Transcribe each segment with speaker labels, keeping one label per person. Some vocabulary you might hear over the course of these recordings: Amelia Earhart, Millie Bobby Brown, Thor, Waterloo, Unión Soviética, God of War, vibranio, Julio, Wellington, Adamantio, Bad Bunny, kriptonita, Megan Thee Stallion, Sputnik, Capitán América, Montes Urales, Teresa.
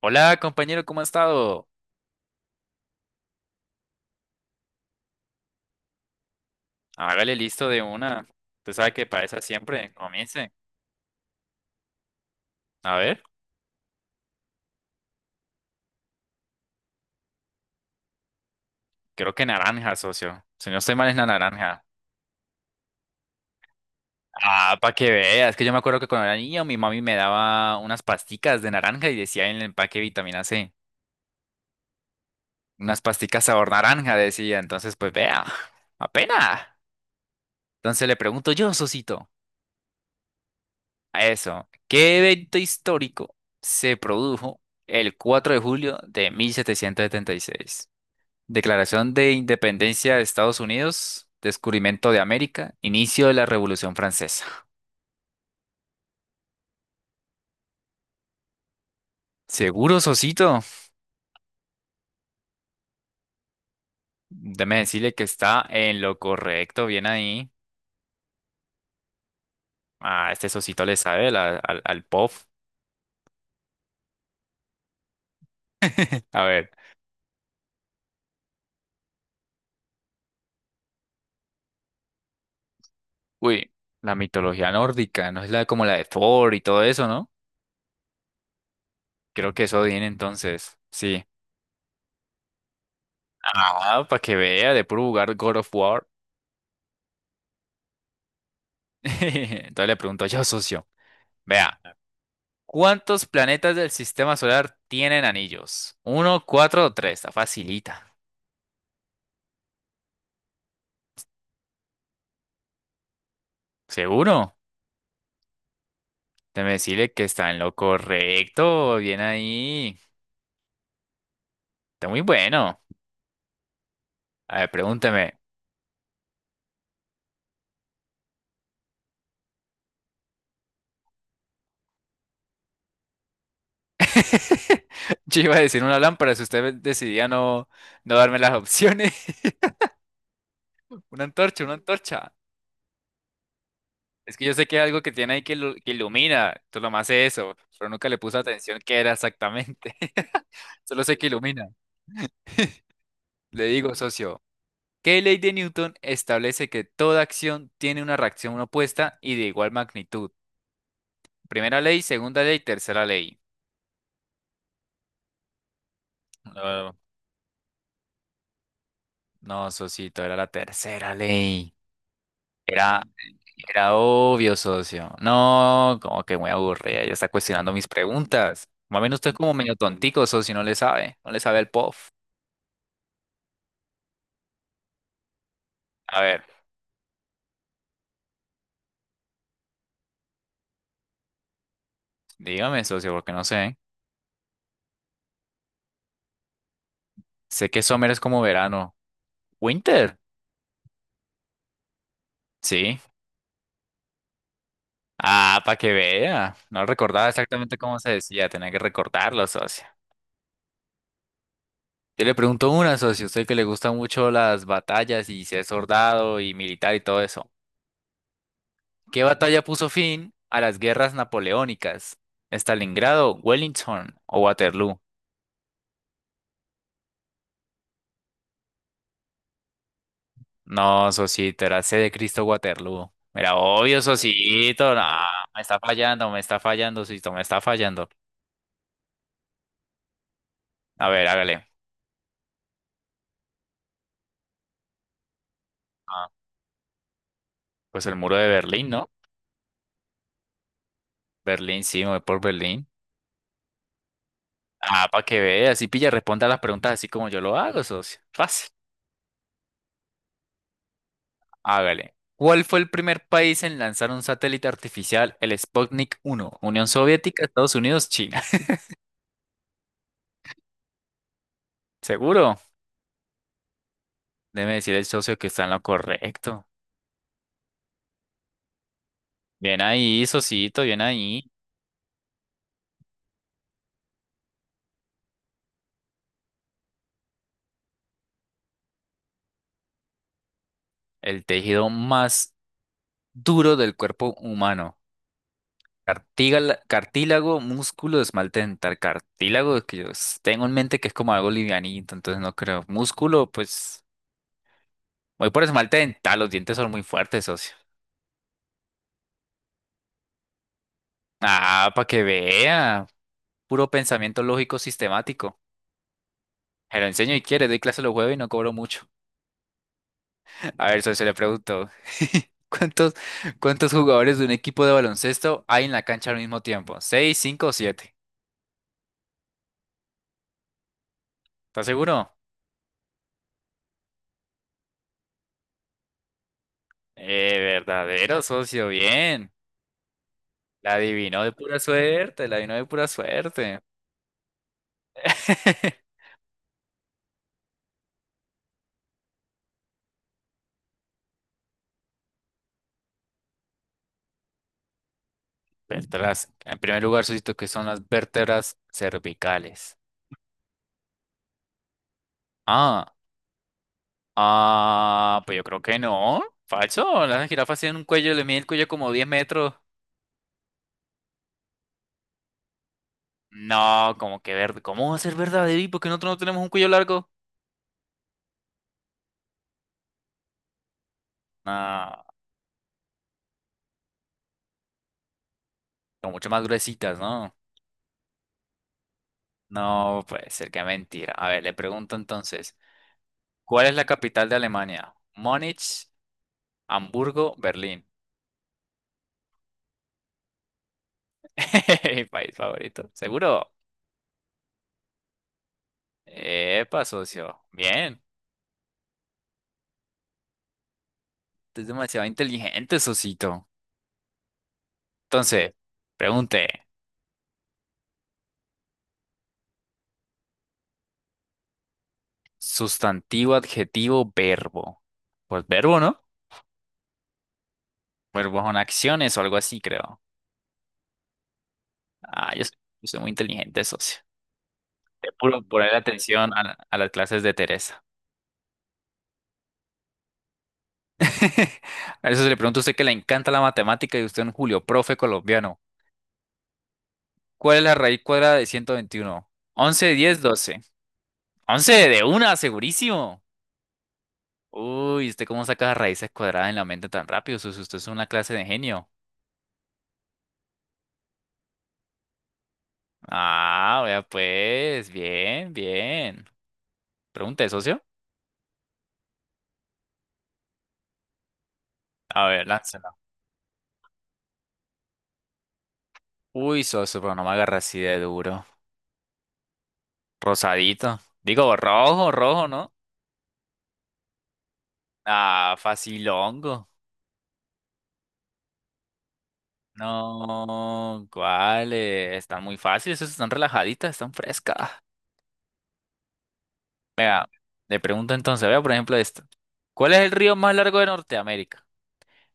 Speaker 1: Hola, compañero, ¿cómo ha estado? Hágale listo de una. Usted sabe que para esa siempre. Comience. A ver, creo que naranja, socio. Si no estoy mal, es la naranja. Ah, para que veas, que yo me acuerdo que cuando era niño mi mami me daba unas pasticas de naranja y decía en el empaque vitamina C. Unas pasticas sabor naranja, decía. Entonces, pues vea, apenas. Entonces le pregunto yo, Sosito, a eso, ¿qué evento histórico se produjo el 4 de julio de 1776? Declaración de Independencia de Estados Unidos, descubrimiento de América, inicio de la Revolución Francesa. Seguro, Sosito. Déjeme decirle que está en lo correcto, bien ahí. Ah, este Sosito le sabe al pop. A ver, uy, la mitología nórdica, no es la como la de Thor y todo eso, ¿no? Creo que eso viene entonces. Sí. Ah, para que vea, de puro jugar God of War. Entonces le pregunto yo, socio. Vea. ¿Cuántos planetas del sistema solar tienen anillos? ¿Uno, cuatro o tres? Está facilita. ¿Seguro? Déjeme decirle que está en lo correcto. Bien ahí. Está muy bueno. A ver, pregúnteme. Yo iba a decir una lámpara si usted decidía no darme las opciones. Una antorcha, una antorcha. Es que yo sé que hay algo que tiene ahí que, que ilumina. Tú lo más es eso. Pero nunca le puse atención qué era exactamente. Solo sé que ilumina. Le digo, socio. ¿Qué ley de Newton establece que toda acción tiene una reacción opuesta y de igual magnitud? Primera ley, segunda ley, tercera ley. Ah, no, socito, era la tercera ley. Era, era obvio, socio. No, como que muy aburrida. Ya está cuestionando mis preguntas. Más bien usted es como medio tontico, socio, no le sabe. No le sabe el POF. A ver, dígame, socio, porque no sé. Sé que Summer es como verano. ¿Winter? Sí. Ah, para que vea. No recordaba exactamente cómo se decía, tenía que recordarlo, socio. Yo le pregunto una, socio, usted que le gustan mucho las batallas y si es soldado y militar y todo eso. ¿Qué batalla puso fin a las guerras napoleónicas? ¿Stalingrado, Wellington o Waterloo? No, socito, era C de Cristo Waterloo. Mira, obvio, socito, no, me está fallando, socito, me está fallando. A ver, hágale. Ah, pues el muro de Berlín, ¿no? Berlín, sí, me voy por Berlín. Ah, para que veas, así pilla, responda las preguntas así como yo lo hago, socio. Fácil. Hágale. ¿Cuál fue el primer país en lanzar un satélite artificial, el Sputnik uno, Unión Soviética, Estados Unidos, China? ¿Seguro? Debe decir el socio que está en lo correcto. Bien ahí, socito, bien ahí. El tejido más duro del cuerpo humano. Cartílago, músculo, esmalte dental. Cartílago, que tengo en mente que es como algo livianito, entonces no creo. Músculo, pues voy por esmalte dental, los dientes son muy fuertes, socio. Ah, para que vea. Puro pensamiento lógico sistemático. Se lo enseño y quiere, doy clase los jueves y no cobro mucho. A ver, socio, le pregunto. ¿Cuántos, cuántos jugadores de un equipo de baloncesto hay en la cancha al mismo tiempo? ¿Seis, cinco o siete? ¿Estás seguro? Verdadero, socio, bien. La adivinó de pura suerte, la adivinó de pura suerte. Vértebras. En primer lugar, socio, que son las vértebras cervicales. Ah, Ah, pues yo creo que no. Falso. Las jirafas tienen un cuello, le mide el cuello como 10 metros. No, como que verde. ¿Cómo va a ser verdadero? ¿Y por qué nosotros no tenemos un cuello largo? No, son mucho más gruesitas, ¿no? No, puede ser que mentira. A ver, le pregunto entonces, ¿cuál es la capital de Alemania? Múnich, Hamburgo, Berlín. Mi país favorito. ¿Seguro? Epa, socio. Bien. Tú eres demasiado inteligente, socito. Entonces, pregunte. Sustantivo, adjetivo, verbo. Pues verbo, ¿no? Verbo son acciones o algo así, creo. Ah, yo soy muy inteligente, socio. Te puro poner atención a, a las clases de Teresa. A eso se le pregunta a usted que le encanta la matemática y usted es un Julio, profe colombiano. ¿Cuál es la raíz cuadrada de 121? 11, 10, 12, 11 de una, segurísimo. Uy, ¿usted cómo saca las raíces cuadradas en la mente tan rápido, socio? Usted es una clase de genio. Ah, vea pues, bien, bien. Pregunta de socio. A ver, lánzala. Uy, socio, pero no me agarra así de duro. Rosadito. Digo, rojo, ¿no? Ah, facilongo. No, ¿cuáles? Están muy fáciles, esas están relajaditas, están frescas. Le pregunto entonces, vea por ejemplo esto. ¿Cuál es el río más largo de Norteamérica?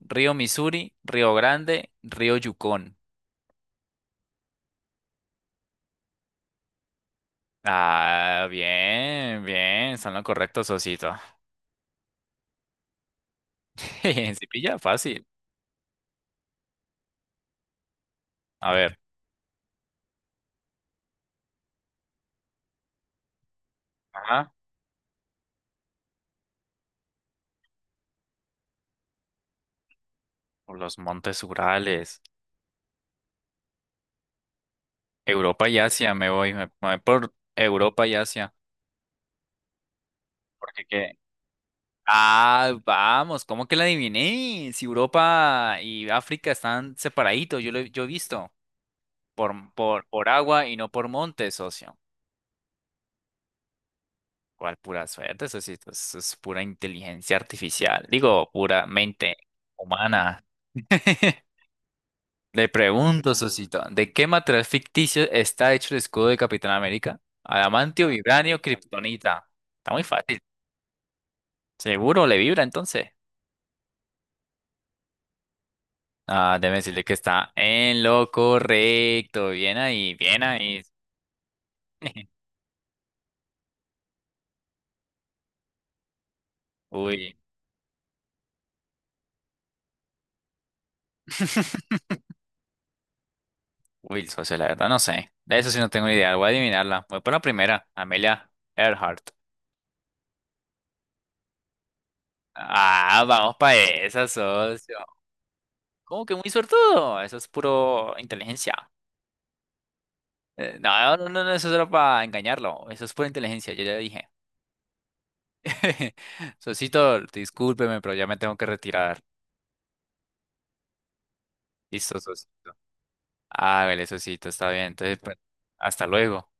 Speaker 1: Río Missouri, Río Grande, Río Yukon. Ah, bien, bien, son lo correcto, socito. Si pilla, fácil. A ver, ajá, por los Montes Urales. Europa y Asia, me voy, me voy por Europa y Asia. ¿Porque qué? Ah, vamos, ¿cómo que la adiviné? Si Europa y África están separaditos, yo he visto por agua y no por monte, socio. ¿Cuál pura suerte? Eso sí, eso es pura inteligencia artificial. Digo, pura mente humana. Le pregunto, socito, ¿de qué material ficticio está hecho el escudo de Capitán América? ¿Adamantio, vibranio, kriptonita? Está muy fácil. Seguro le vibra entonces. Ah, déjeme decirle que está en lo correcto. Bien ahí, bien ahí. Uy. Uy, el socio, la verdad no sé. De eso sí no tengo ni idea. Voy a adivinarla. Voy por la primera, Amelia Earhart. Ah, vamos para esa, socio. ¿Cómo que muy suertudo? Eso es puro inteligencia. No, eso era para engañarlo. Eso es pura inteligencia, yo ya dije. Socito, discúlpeme, pero ya me tengo que retirar. Listo, socio. Ah, vale, Sosito, está bien. Entonces, pues, hasta luego.